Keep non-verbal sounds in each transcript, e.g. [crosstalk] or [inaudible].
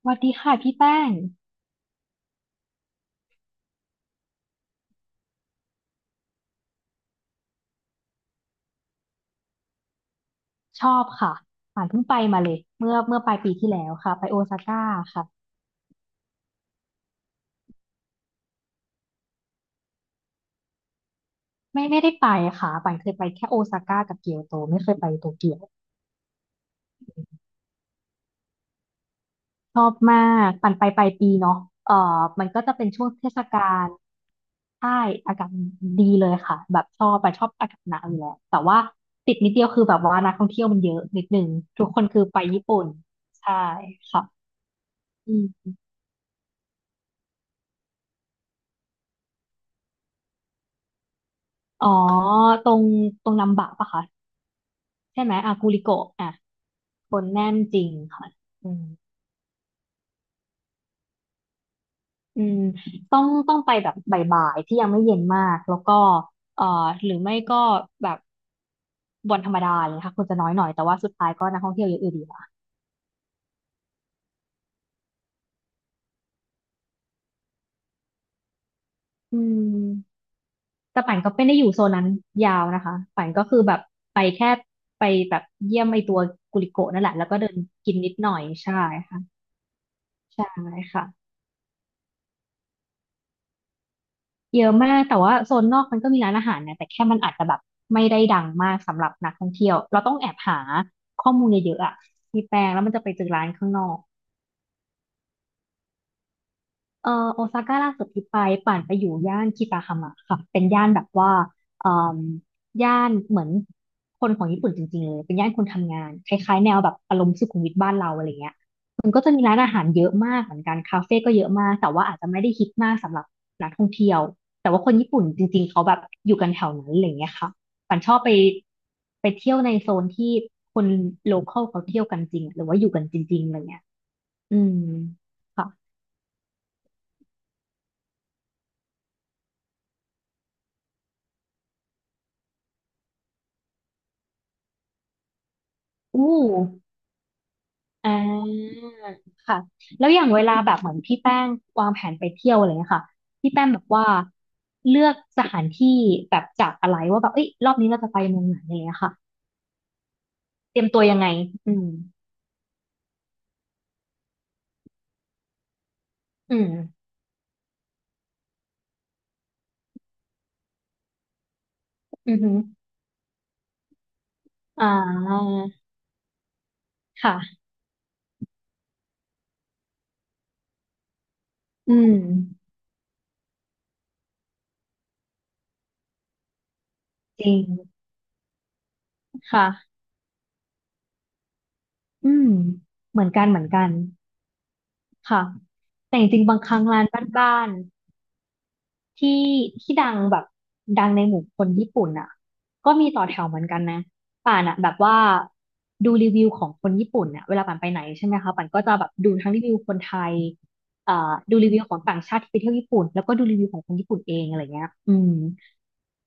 สวัสดีค่ะพี่แป้งชอบค่ะป่านเพิ่งไปมาเลยเมื่อปลายปีที่แล้วค่ะไปโอซาก้าค่ะไม่ได้ไปค่ะป่านเคยไปแค่โอซาก้ากับเกียวโตไม่เคยไปโตเกียวชอบมากป่นไปปลายปีเนาะเอ่อมันก็จะเป็นช่วงเทศกาลใช่อากาศดีเลยค่ะแบบชอบไปนชอบอากาศหนาวอยู่แล้วแต่ว่าติดนิดเดียวคือแบบว่านักท่องเที่ยวมันเยอะนิดนึงทุกคนคือไปญี่ปุ่นใช่ค่ะอืมอ๋อตรงตรงนัมบะปะคะ ใช่ไหมอากูริโกะอ่ะคนแน่นจริงค่ะอืมอืมต้องไปแบบบ่ายๆที่ยังไม่เย็นมากแล้วก็เอ่อหรือไม่ก็แบบวันธรรมดาเลยนะคะคนจะน้อยหน่อยแต่ว่าสุดท้ายก็นักท่องเที่ยวเยอะอยู่ดีค่ะอืมแต่ป่านก็ไม่ได้อยู่โซนนั้นยาวนะคะป่านก็คือแบบไปแค่ไปแบบเยี่ยมไอตัวกุลิโกะนั่นแหละแล้วก็เดินกินนิดหน่อยใช่ค่ะใช่ค่ะ เยอะมากแต่ว่าโซนนอกมันก็มีร้านอาหารนะแต่แค่มันอาจจะแบบไม่ได้ดังมากสำหรับนักท่องเที่ยวเราต้องแอบหาข้อมูลเยอะๆอะพี่แปงแล้วมันจะไปเจอร้านข้างนอก โอซาก้าล่าสุดที่ไปป่านไปอยู่ย่านคิตาฮามะค่ะเป็นย่านแบบว่าเอ่มย่านเหมือนคนของญี่ปุ่นจริงๆเลยเป็นย่านคนทำงานคล้ายๆแนวแบบอารมณ์สุขุมวิทบ้านเราอะไรเงี้ยมันก็จะมีร้านอาหารเยอะมากเหมือนกันคาเฟ่ก็เยอะมากแต่ว่าอาจจะไม่ได้ฮิตมากสำหรับนักท่องเที่ยวแต่ว่าคนญี่ปุ่นจริงๆเขาแบบอยู่กันแถวนั้นอะไรเงี้ยค่ะป่านชอบไปไปเที่ยวในโซนที่คนโลคอลเขาเที่ยวกันจริงหรือว่าอยู่กันจริงๆอะไรเงี้ยอืมค่ะอู้ อ่าค่ะแล้วอย่างเวลาแบบเหมือนพี่แป้งวางแผนไปเที่ยวอะไรเงี้ยค่ะพี่แป้งแบบว่าเลือกสถานที่แบบจากอะไรว่าแบบเอ้ยรอบนี้เราจะไปเมืองไหนอะไรเงี้ยค่ะเตรียมตัวยังไงอืมอืมอือหืออ่าค่ะอืมจริงค่ะอืมเหมือนกันเหมือนกันค่ะแต่จริงๆบางครั้งร้านบ้านๆ ที่ที่ดังแบบดังในหมู่คนญี่ปุ่นอ่ะก็มีต่อแถวเหมือนกันนะป่านอ่ะแบบว่าดูรีวิวของคนญี่ปุ่นเนี่ยเวลาป่านไปไหนใช่ไหมคะป่านก็จะแบบดูทั้งรีวิวคนไทยเอ่อดูรีวิวของต่างชาติที่ไปเที่ยวญี่ปุ่นแล้วก็ดูรีวิวของคนญี่ปุ่นเองอะไรเงี้ยอืม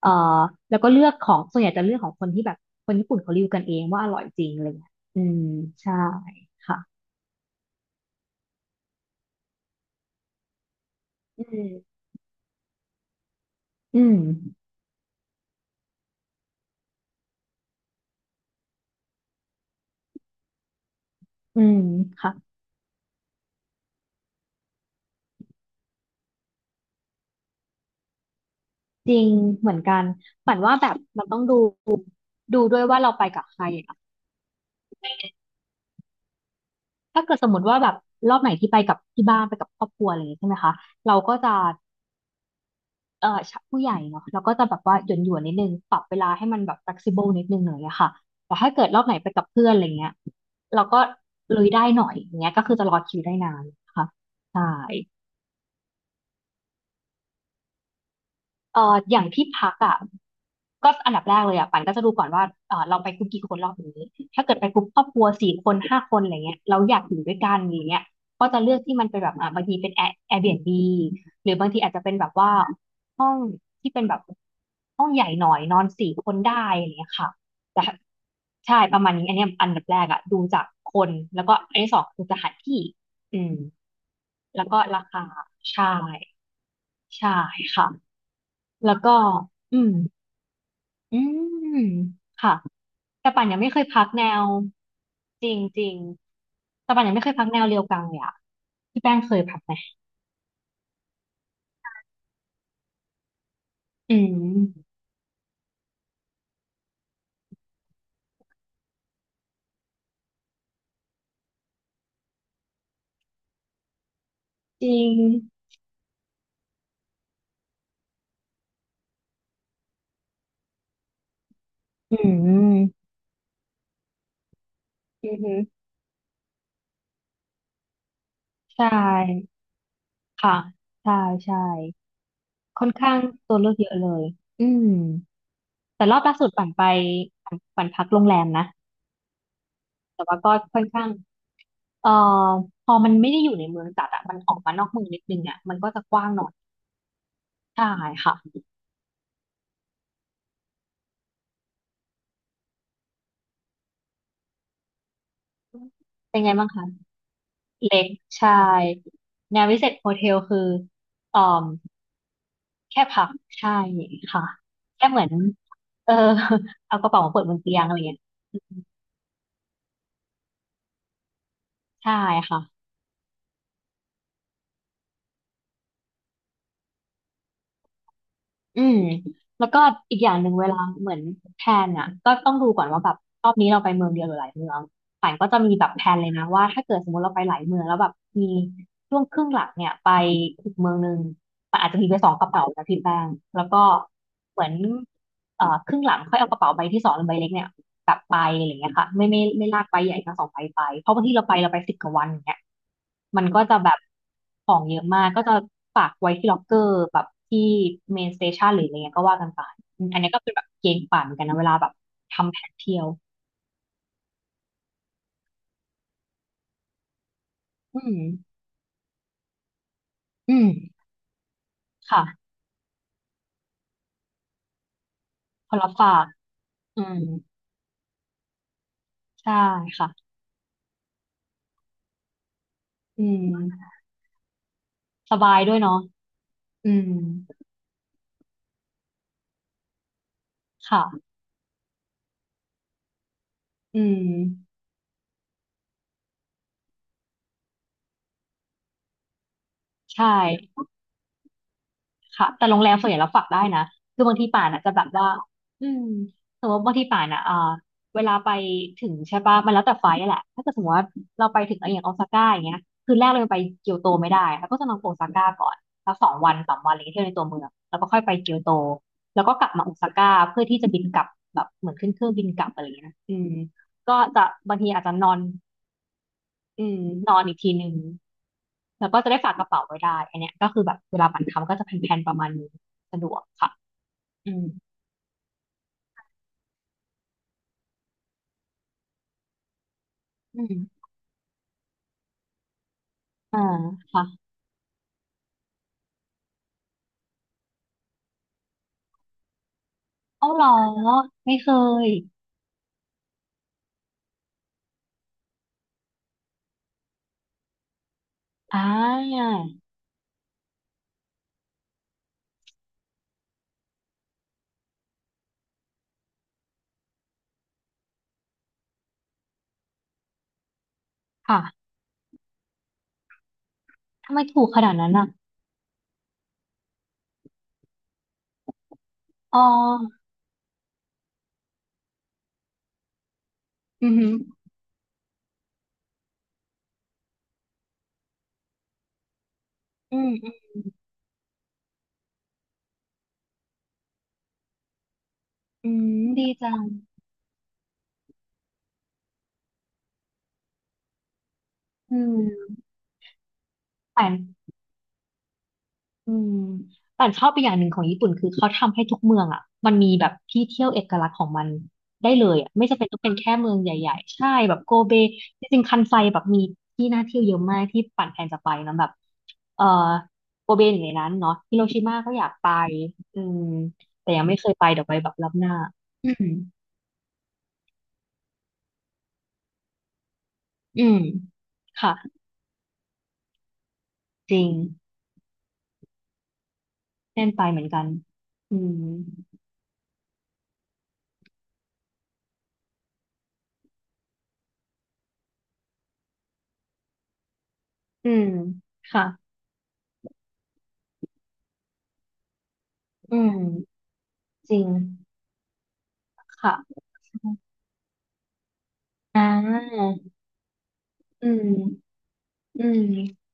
เอ่อแล้วก็เลือกของส่วนใหญ่จะเลือกของคนที่แบบคนญี่ปุ่นเขารีวิวกันเองว่าอร่อยจริงอะไรเงี้ยอืมใช่ค่ะอืมอืมอืมค่ะ จริงเหมือนกันฝันว่าแบบมันต้องดูดูด้วยว่าเราไปกับใครอะถ้าเกิดสมมติว่าแบบรอบไหนที่ไปกับที่บ้านไปกับครอบครัวอะไรอย่างงี้ใช่ไหมคะเราก็จะชะผู้ใหญ่เนาะเราก็จะแบบว่าหย่อนหย่นนิดนึงปรับเวลาให้มันแบบ flexible นิดนึงหน่อยอะค่ะแต่ถ้าเกิดรอบไหนไปกับเพื่อนอะไรเงี้ยเราก็ลุยได้หน่อยอย่างเงี้ยก็คือจะรอคิวได้นานนะคะใช่ อย่างที่พักอ่ะก็อันดับแรกเลยอ่ะปันก็จะดูก่อนว่าเออเราไปกลุ่มกี่คนรอบนี้ถ้าเกิดไปกลุ่มครอบครัวสี่คนห้าคนอะไรเงี้ยเราอยากอยู่ด้วยกันอย่างเงี้ยก็จะเลือกที่มันเป็นแบบอ่ะบางทีเป็นแอร์ Airbnb หรือบางทีอาจจะเป็นแบบว่าห้องที่เป็นแบบห้องใหญ่หน่อยนอนสี่คนได้อะไรเงี้ยค่ะแต่ใช่ประมาณนี้อันเนี้ยอันดับแรกอ่ะดูจากคนแล้วก็อันที่สองคือสถานที่อืมแล้วก็ราคาใช่ใช่ค่ะแล้วก็อืม อืมค่ะแต่ป่านยังไม่เคยพักแนวจริงจริงแต่ป่านยังไม่เคยพักแนวเรียวกังเลยอะพี่แป้งเคยพักไหมอืมจริงอืมอือฮึใช่ค่ะใช่ใช่ค่อนข้างตัวเลือกเยอะเลยอืมแต่รอบล่าสุดป่านไปป่านพักโรงแรมนะแต่ว่าก็ค่อนข้างเอ่อพอมันไม่ได้อยู่ในเมืองจัดอะมันออกมานอกเมืองนิดนึงอะมันก็จะกว้างหน่อยใช่ค่ะเป็นไงบ้างคะ เล็กใช่งานวิเศษโฮเทลคือเอ่อแค่พักใช่ค่ะแค่เหมือนเออ [laughs] เอากระเป๋ามาเปิดบนเตียงอะไรอย่างเงี้ยใช่ค่ะอืมแล้วก็อีกอย่างหนึ่งเวลาเหมือนแพลนอ่ะก็ต้องดูก่อนว่าแบบรอบนี้เราไปเมืองเดียวหรือหลายเมือง ป่านก็จะมีแบบแผนเลยนะว่าถ้าเกิดสมมติเราไปหลายเมืองแล้วแบบมีช่วงครึ่งหลังเนี่ยไปอีกเมืองหนึ่งขันอาจจะมีไปสองกระเป๋านะพี่แป้งแล้วก็เหมือนครึ่งหลังค่อยเอากระเป๋าใบที่สองหรือใบเล็กเนี่ยกลับไปอะไรอย่างเงี้ยค่ะไม่ลากใบใหญ่ทั้งสองใบไปเพราะบางที่เราไปสิบกว่าวันอย่างเงี้ยมันก็จะแบบของเยอะมากก็จะฝากไว้ที่ล็อกเกอร์แบบที่เมนสเตชันหรืออะไรเงี้ยก็ว่ากันไปอมอันนี้ก็เป็นแบบเกณฑ์ขวัเหมือนกันนะเวลาแบบทำแผนเที่ยวอืมอืมค่ะ คนรับฝาก อืมใช่ค่ะ อืมสบายด้วยเนาะอืมค่ะ อืมใช่ ค่ะแต่โรงแรมส่วนใหญ่เราฝากได้นะคือบางทีป่านอ่ะจะแบบว่าอืมสมมติบางทีป่านอ่ะเวลาไปถึงใช่ปะมันแล้วแต่ไฟล์อะแหละถ้าเกิดสมมติว่าเราไปถึงอย่างโอซาก้าอย่างเงี้ยคืนแรกเรายังไปเกียวโตไม่ได้เราก็จะนอนโอซาก้าก่อนสักสองวันสามวันอะไรเงี้ยเที่ยวในตัวเมืองแล้วก็ค่อยไปเกียวโตแล้วก็กลับมาโอซาก้าเพื่อที่จะบินกลับแบบเหมือนขึ้นเครื่องบินกลับอะไรเงี้ยอืมก็จะบางทีอาจจะนอน อืมนอนอีกทีหนึ่งแล้วก็จะได้ฝากกระเป๋าไว้ได้ อันเนี้ยก็คือแบบเวลาบันทำก็จะแผ่นๆประมาณนี้สะดวกค่ะ อืม อืมอ่าค่ะ เอาเหรอไม่เคยอ่าค่ะทำไมถูกขนาดนั้นอ่ะอ๋ออือหืออืม อืม อืม ดีจัง อืมแปลก อืมแต่ชอบไปอย่างหนึ่งของญี่ปุ่นคือเขาทำให้ทุกเมืองอ่ะมันมีแบบที่เที่ยวเอกลักษณ์ของมันได้เลยอ่ะไม่จำเป็นต้องเป็นแค่เมืองใหญ่ๆ ใช่แบบโกเบจริงๆคันไซแบบมีที่น่าเที่ยวเยอะมากที่ปั่นแผนจะไปเนอะแบบเออโกเบอยู่ในนั้นเนาะฮิโรชิมาก็อยากไปอืมแต่ยังไม่เคยไปเดี๋ยวไปแบบรอบหน้าอืมอืมค่ะ จริงเน่นไปเหมือนกันอืมอืมค่ะอืมจริงค่ะ อ่าอืมอืม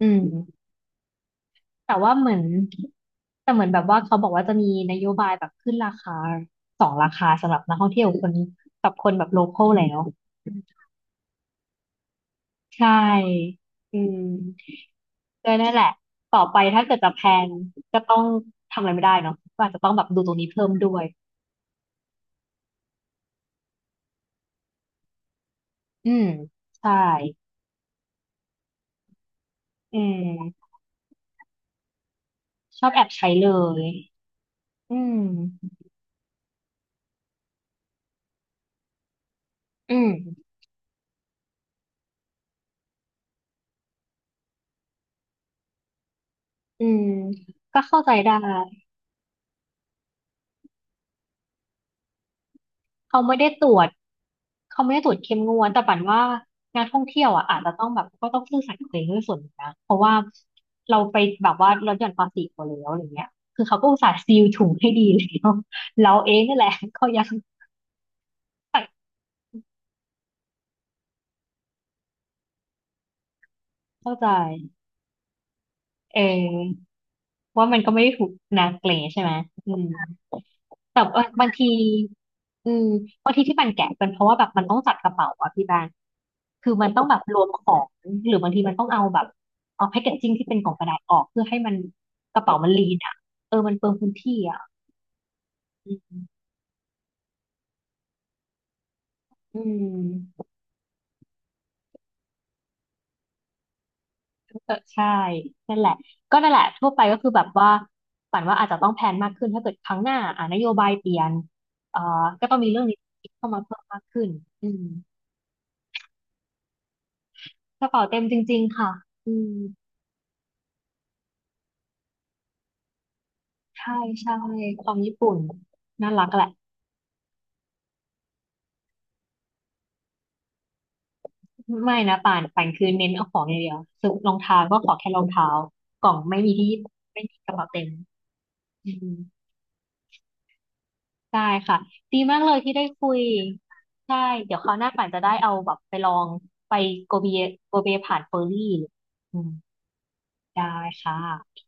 อืม แต่ว่าเหมือนแต่เหมือนแบบว่าเขาบอกว่าจะมีนโยบายแบบขึ้นราคาสองราคาสำหรับนักท่องเที่ยวคนกับคนแบบโลคอลแล้วใช่ อืมก็นั่นแหละต่อไปถ้าเกิดจะแพลนก็ต้องทำอะไรไม่ได้เนาะก็อาจจะต้องแบบดูตรงนี้เพิ่มด้วยอืมใช่ อืมชอบแอบใช้เลยอืมอืมอืมก็เข้าใจได้ เขาไม่ได้ตรวจเขาไม่ได้ตรวจเข้มงวดแต่ปันว่านักท่องเที่ยวอ่ะอาจจะต้องแบบก็ต้องซื่อสัตย์กับตัวเองด้วยส่วนหนึ่งนะเพราะว่าเราไปแบบว่าลดหย่อนภาษีเขาแล้วอะไรเงี้ยคือเขาก็อุตส่าห์ซีลถุงให้ดีแล้ว [laughs] เราเองนี่แหละ [laughs] เขายังเข้าใจเออว่ามันก็ไม่ได้ถูกนาเกลใช่ไหมอืม แต่เออบางทีอืมบางทีที่มันแกะเป็นเพราะว่าแบบมันต้องจัดกระเป๋าอะพี่บานคือมันต้องแบบรวมของหรือบางทีมันต้องเอาแบบเอาแพ็กเกจจิ้งที่เป็นกล่องกระดาษออกเพื่อให้มันกระเป๋ามันลีนอะเออมันเปลืองพื้นที่อะอืมเออใช่นั่นแหละก็นั่นแหละทั่วไปก็คือแบบว่าปั่นว่าอาจจะต้องแพลนมากขึ้นถ้าเกิดครั้งหน้าอ่านโยบายเปลี่ยนเอ่อก็ต้องมีเรื่องนี้เข้ามาเพิ่มมากขึ้นอืมกระเป๋าเต็มจริงๆค่ะอืม ใช่ใช่ความญี่ปุ่นน่ารักแหละไม่นะป่านป่านคือเน้นเอาของอย่างเดียวสุดรองเท้าก็ขอแค่รองเท้ากล่องไม่มีที่ญี่ปุ่นไม่มีกระเป๋าเต็มอืมได้ค่ะดีมากเลยที่ได้คุยใช่เดี๋ยวคราวหน้าป่านจะได้เอาแบบไปลองไปโกเบโกเบผ่านเฟอร์รี่อืมได้ค่ะ